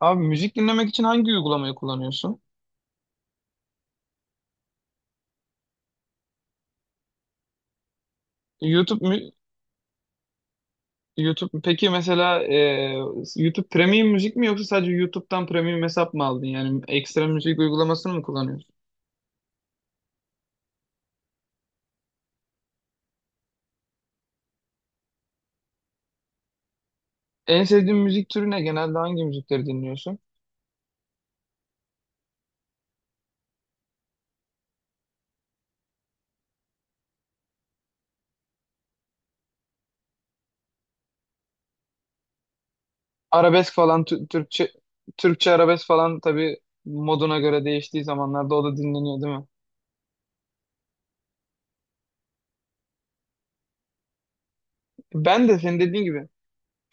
Abi müzik dinlemek için hangi uygulamayı kullanıyorsun? YouTube mü? YouTube peki mesela YouTube Premium müzik mi yoksa sadece YouTube'dan Premium hesap mı aldın? Yani ekstra müzik uygulamasını mı kullanıyorsun? En sevdiğin müzik türü ne? Genelde hangi müzikleri dinliyorsun? Arabesk falan Türkçe Türkçe arabesk falan tabii moduna göre değiştiği zamanlarda o da dinleniyor değil mi? Ben de senin dediğin gibi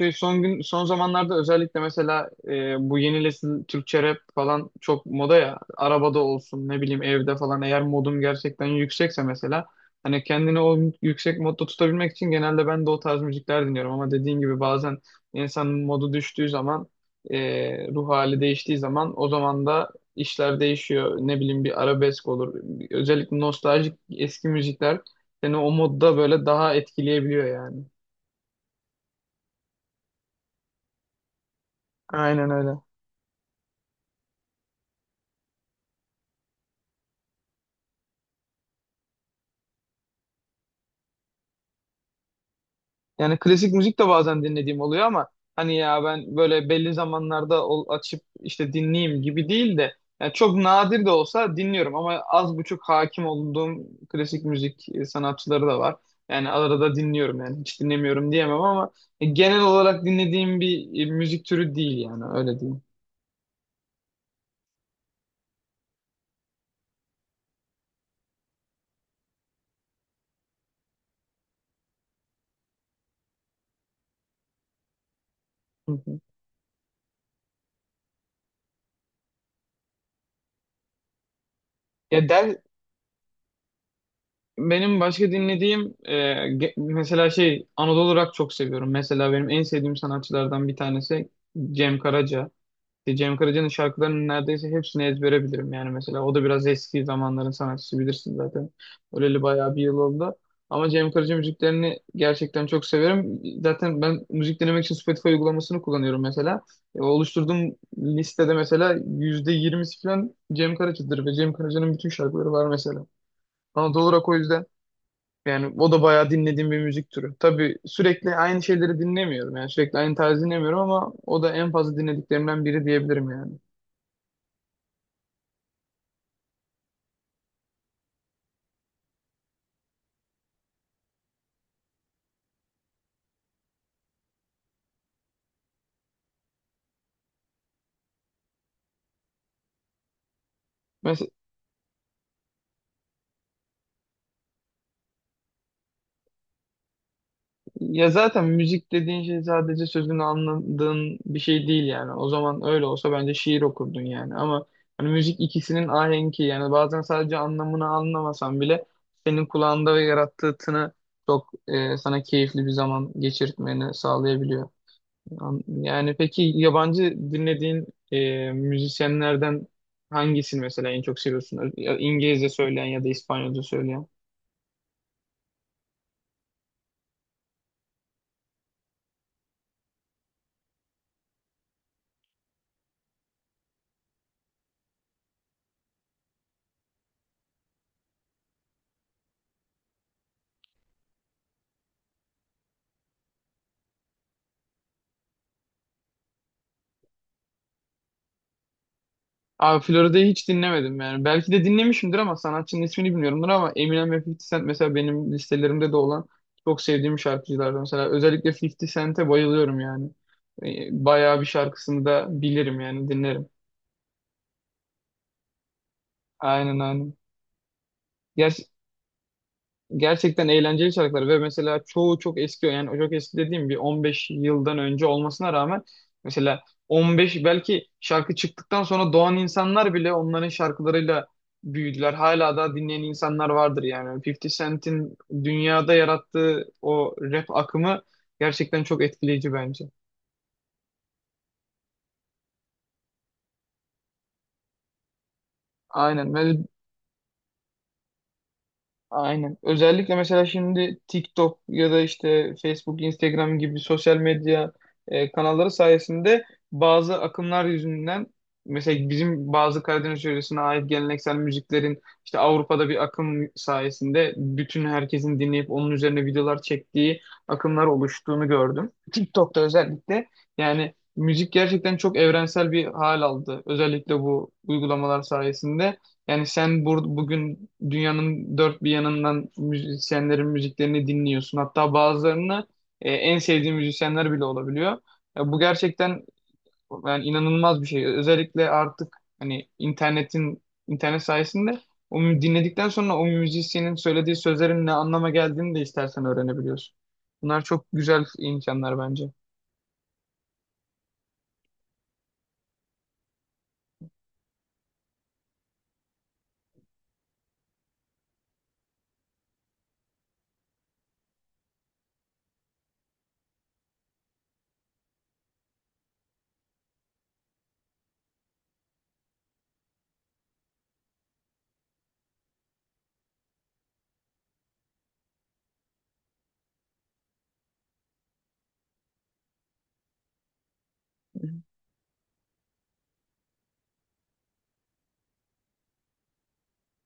şey, son gün son zamanlarda özellikle mesela bu yeni nesil Türkçe rap falan çok moda ya. Arabada olsun ne bileyim evde falan eğer modum gerçekten yüksekse mesela hani kendini o yüksek modda tutabilmek için genelde ben de o tarz müzikler dinliyorum ama dediğin gibi bazen insanın modu düştüğü zaman ruh hali değiştiği zaman o zaman da işler değişiyor. Ne bileyim bir arabesk olur. Özellikle nostaljik eski müzikler seni o modda böyle daha etkileyebiliyor yani. Aynen öyle. Yani klasik müzik de bazen dinlediğim oluyor ama hani ya ben böyle belli zamanlarda açıp işte dinleyeyim gibi değil de yani çok nadir de olsa dinliyorum ama az buçuk hakim olduğum klasik müzik sanatçıları da var. Yani arada dinliyorum yani hiç dinlemiyorum diyemem ama genel olarak dinlediğim bir müzik türü değil yani öyle diyeyim. Hı hı. Ya der Benim başka dinlediğim mesela şey Anadolu rock çok seviyorum. Mesela benim en sevdiğim sanatçılardan bir tanesi Cem Karaca. İşte Cem Karaca'nın şarkılarının neredeyse hepsini ezbere bilirim. Yani mesela o da biraz eski zamanların sanatçısı bilirsin zaten. Öleli bayağı bir yıl oldu. Ama Cem Karaca müziklerini gerçekten çok severim. Zaten ben müzik dinlemek için Spotify uygulamasını kullanıyorum mesela. Oluşturduğum listede mesela %20'si falan Cem Karaca'dır ve Cem Karaca'nın bütün şarkıları var mesela. Ama doğal olarak o yüzden yani o da bayağı dinlediğim bir müzik türü. Tabii sürekli aynı şeyleri dinlemiyorum yani sürekli aynı tarzı dinlemiyorum ama o da en fazla dinlediklerimden biri diyebilirim yani. Mesela, ya zaten müzik dediğin şey sadece sözünü anladığın bir şey değil yani. O zaman öyle olsa bence şiir okurdun yani. Ama hani müzik ikisinin ahenki yani bazen sadece anlamını anlamasan bile senin kulağında ve yarattığı tını çok sana keyifli bir zaman geçirtmeni sağlayabiliyor. Yani peki yabancı dinlediğin müzisyenlerden hangisini mesela en çok seviyorsun? Ya İngilizce söyleyen ya da İspanyolca söyleyen? Abi Florida'yı hiç dinlemedim yani. Belki de dinlemişimdir ama sanatçının ismini bilmiyorumdur ama Eminem ve 50 Cent mesela benim listelerimde de olan çok sevdiğim şarkıcılardan. Mesela özellikle 50 Cent'e bayılıyorum yani. Bayağı bir şarkısını da bilirim yani dinlerim. Aynen aynen. Gerçekten eğlenceli şarkılar ve mesela çoğu çok eski yani çok eski dediğim bir 15 yıldan önce olmasına rağmen mesela 15 belki şarkı çıktıktan sonra doğan insanlar bile onların şarkılarıyla büyüdüler. Hala da dinleyen insanlar vardır yani. 50 Cent'in dünyada yarattığı o rap akımı gerçekten çok etkileyici bence. Aynen. Aynen. Özellikle mesela şimdi TikTok ya da işte Facebook, Instagram gibi sosyal medya kanalları sayesinde bazı akımlar yüzünden mesela bizim bazı Karadeniz yöresine ait geleneksel müziklerin işte Avrupa'da bir akım sayesinde bütün herkesin dinleyip onun üzerine videolar çektiği akımlar oluştuğunu gördüm. TikTok'ta özellikle yani müzik gerçekten çok evrensel bir hal aldı. Özellikle bu uygulamalar sayesinde. Yani sen bugün dünyanın dört bir yanından müzisyenlerin müziklerini dinliyorsun. Hatta bazılarını en sevdiğin müzisyenler bile olabiliyor. Ya bu gerçekten yani inanılmaz bir şey. Özellikle artık hani internet sayesinde dinledikten sonra o müzisyenin söylediği sözlerin ne anlama geldiğini de istersen öğrenebiliyorsun. Bunlar çok güzel imkanlar bence.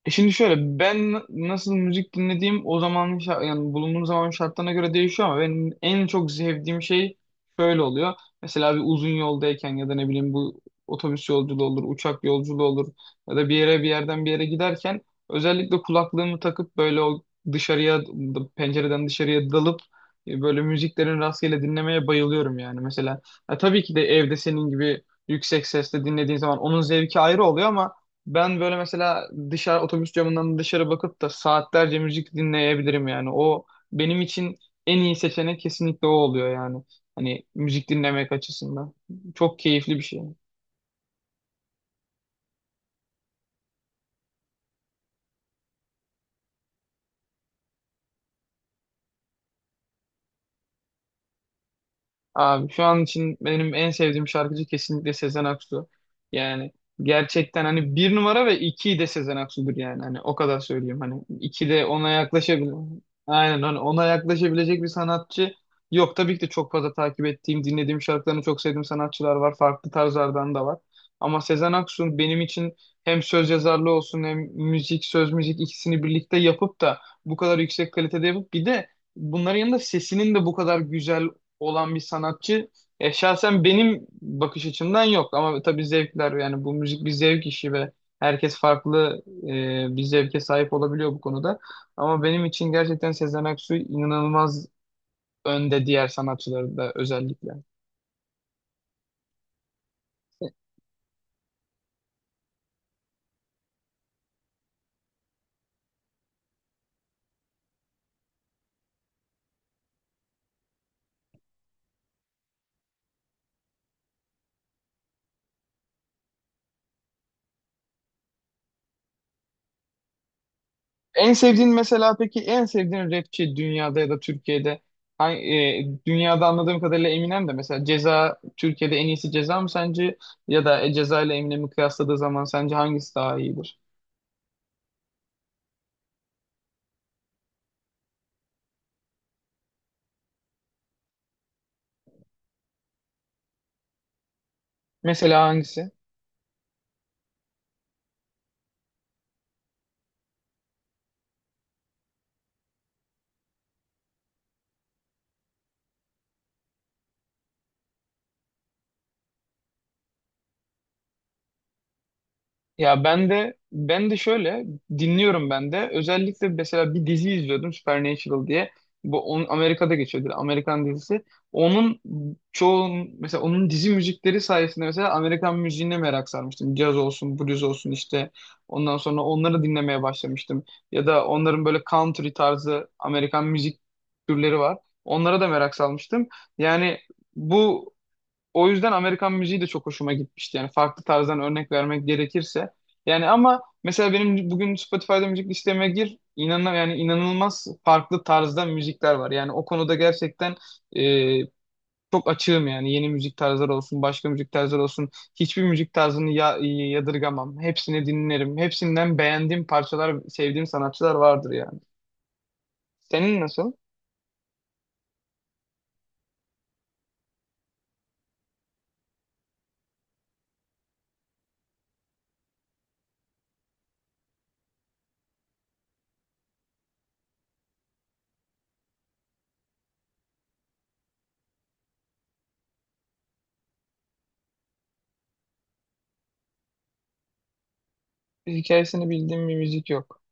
Şimdi şöyle ben nasıl müzik dinlediğim o zamanın yani bulunduğum zaman şartlarına göre değişiyor ama benim en çok sevdiğim şey şöyle oluyor. Mesela bir uzun yoldayken ya da ne bileyim bu otobüs yolculuğu olur, uçak yolculuğu olur ya da bir yerden bir yere giderken özellikle kulaklığımı takıp böyle o dışarıya pencereden dışarıya dalıp böyle müziklerin rastgele dinlemeye bayılıyorum yani mesela. Ya tabii ki de evde senin gibi yüksek sesle dinlediğin zaman onun zevki ayrı oluyor ama ben böyle mesela dışarı otobüs camından dışarı bakıp da saatlerce müzik dinleyebilirim yani. O benim için en iyi seçenek kesinlikle o oluyor yani. Hani müzik dinlemek açısından. Çok keyifli bir şey. Abi şu an için benim en sevdiğim şarkıcı kesinlikle Sezen Aksu. Yani gerçekten hani bir numara ve iki de Sezen Aksu'dur yani. Hani o kadar söyleyeyim. Hani iki de ona yaklaşabil aynen hani ona yaklaşabilecek bir sanatçı yok. Tabii ki de çok fazla takip ettiğim, dinlediğim şarkılarını çok sevdiğim sanatçılar var. Farklı tarzlardan da var. Ama Sezen Aksu benim için hem söz yazarlığı olsun hem müzik, söz müzik ikisini birlikte yapıp da bu kadar yüksek kalitede yapıp bir de bunların yanında sesinin de bu kadar güzel olan bir sanatçı. Şahsen benim bakış açımdan yok ama tabii zevkler yani bu müzik bir zevk işi ve herkes farklı bir zevke sahip olabiliyor bu konuda. Ama benim için gerçekten Sezen Aksu inanılmaz önde diğer sanatçıları da özellikle. En sevdiğin mesela peki en sevdiğin rapçi dünyada ya da Türkiye'de hangi, dünyada anladığım kadarıyla Eminem de mesela Ceza Türkiye'de en iyisi Ceza mı sence ya da Ceza ile Eminem'i kıyasladığı zaman sence hangisi daha iyidir? Mesela hangisi? Ya ben de şöyle dinliyorum ben de. Özellikle mesela bir dizi izliyordum Supernatural diye. Bu onun Amerika'da geçiyordu. Amerikan dizisi. Onun mesela onun dizi müzikleri sayesinde mesela Amerikan müziğine merak sarmıştım. Caz olsun, blues olsun işte. Ondan sonra onları dinlemeye başlamıştım. Ya da onların böyle country tarzı Amerikan müzik türleri var. Onlara da merak salmıştım. Yani bu o yüzden Amerikan müziği de çok hoşuma gitmişti. Yani farklı tarzdan örnek vermek gerekirse. Yani ama mesela benim bugün Spotify'da müzik listeme gir. İnanan yani inanılmaz farklı tarzda müzikler var. Yani o konuda gerçekten e, çok açığım yani. Yeni müzik tarzları olsun, başka müzik tarzları olsun. Hiçbir müzik tarzını ya, yadırgamam. Hepsini dinlerim. Hepsinden beğendiğim parçalar, sevdiğim sanatçılar vardır yani. Senin nasıl? Hikayesini bildiğim bir müzik yok.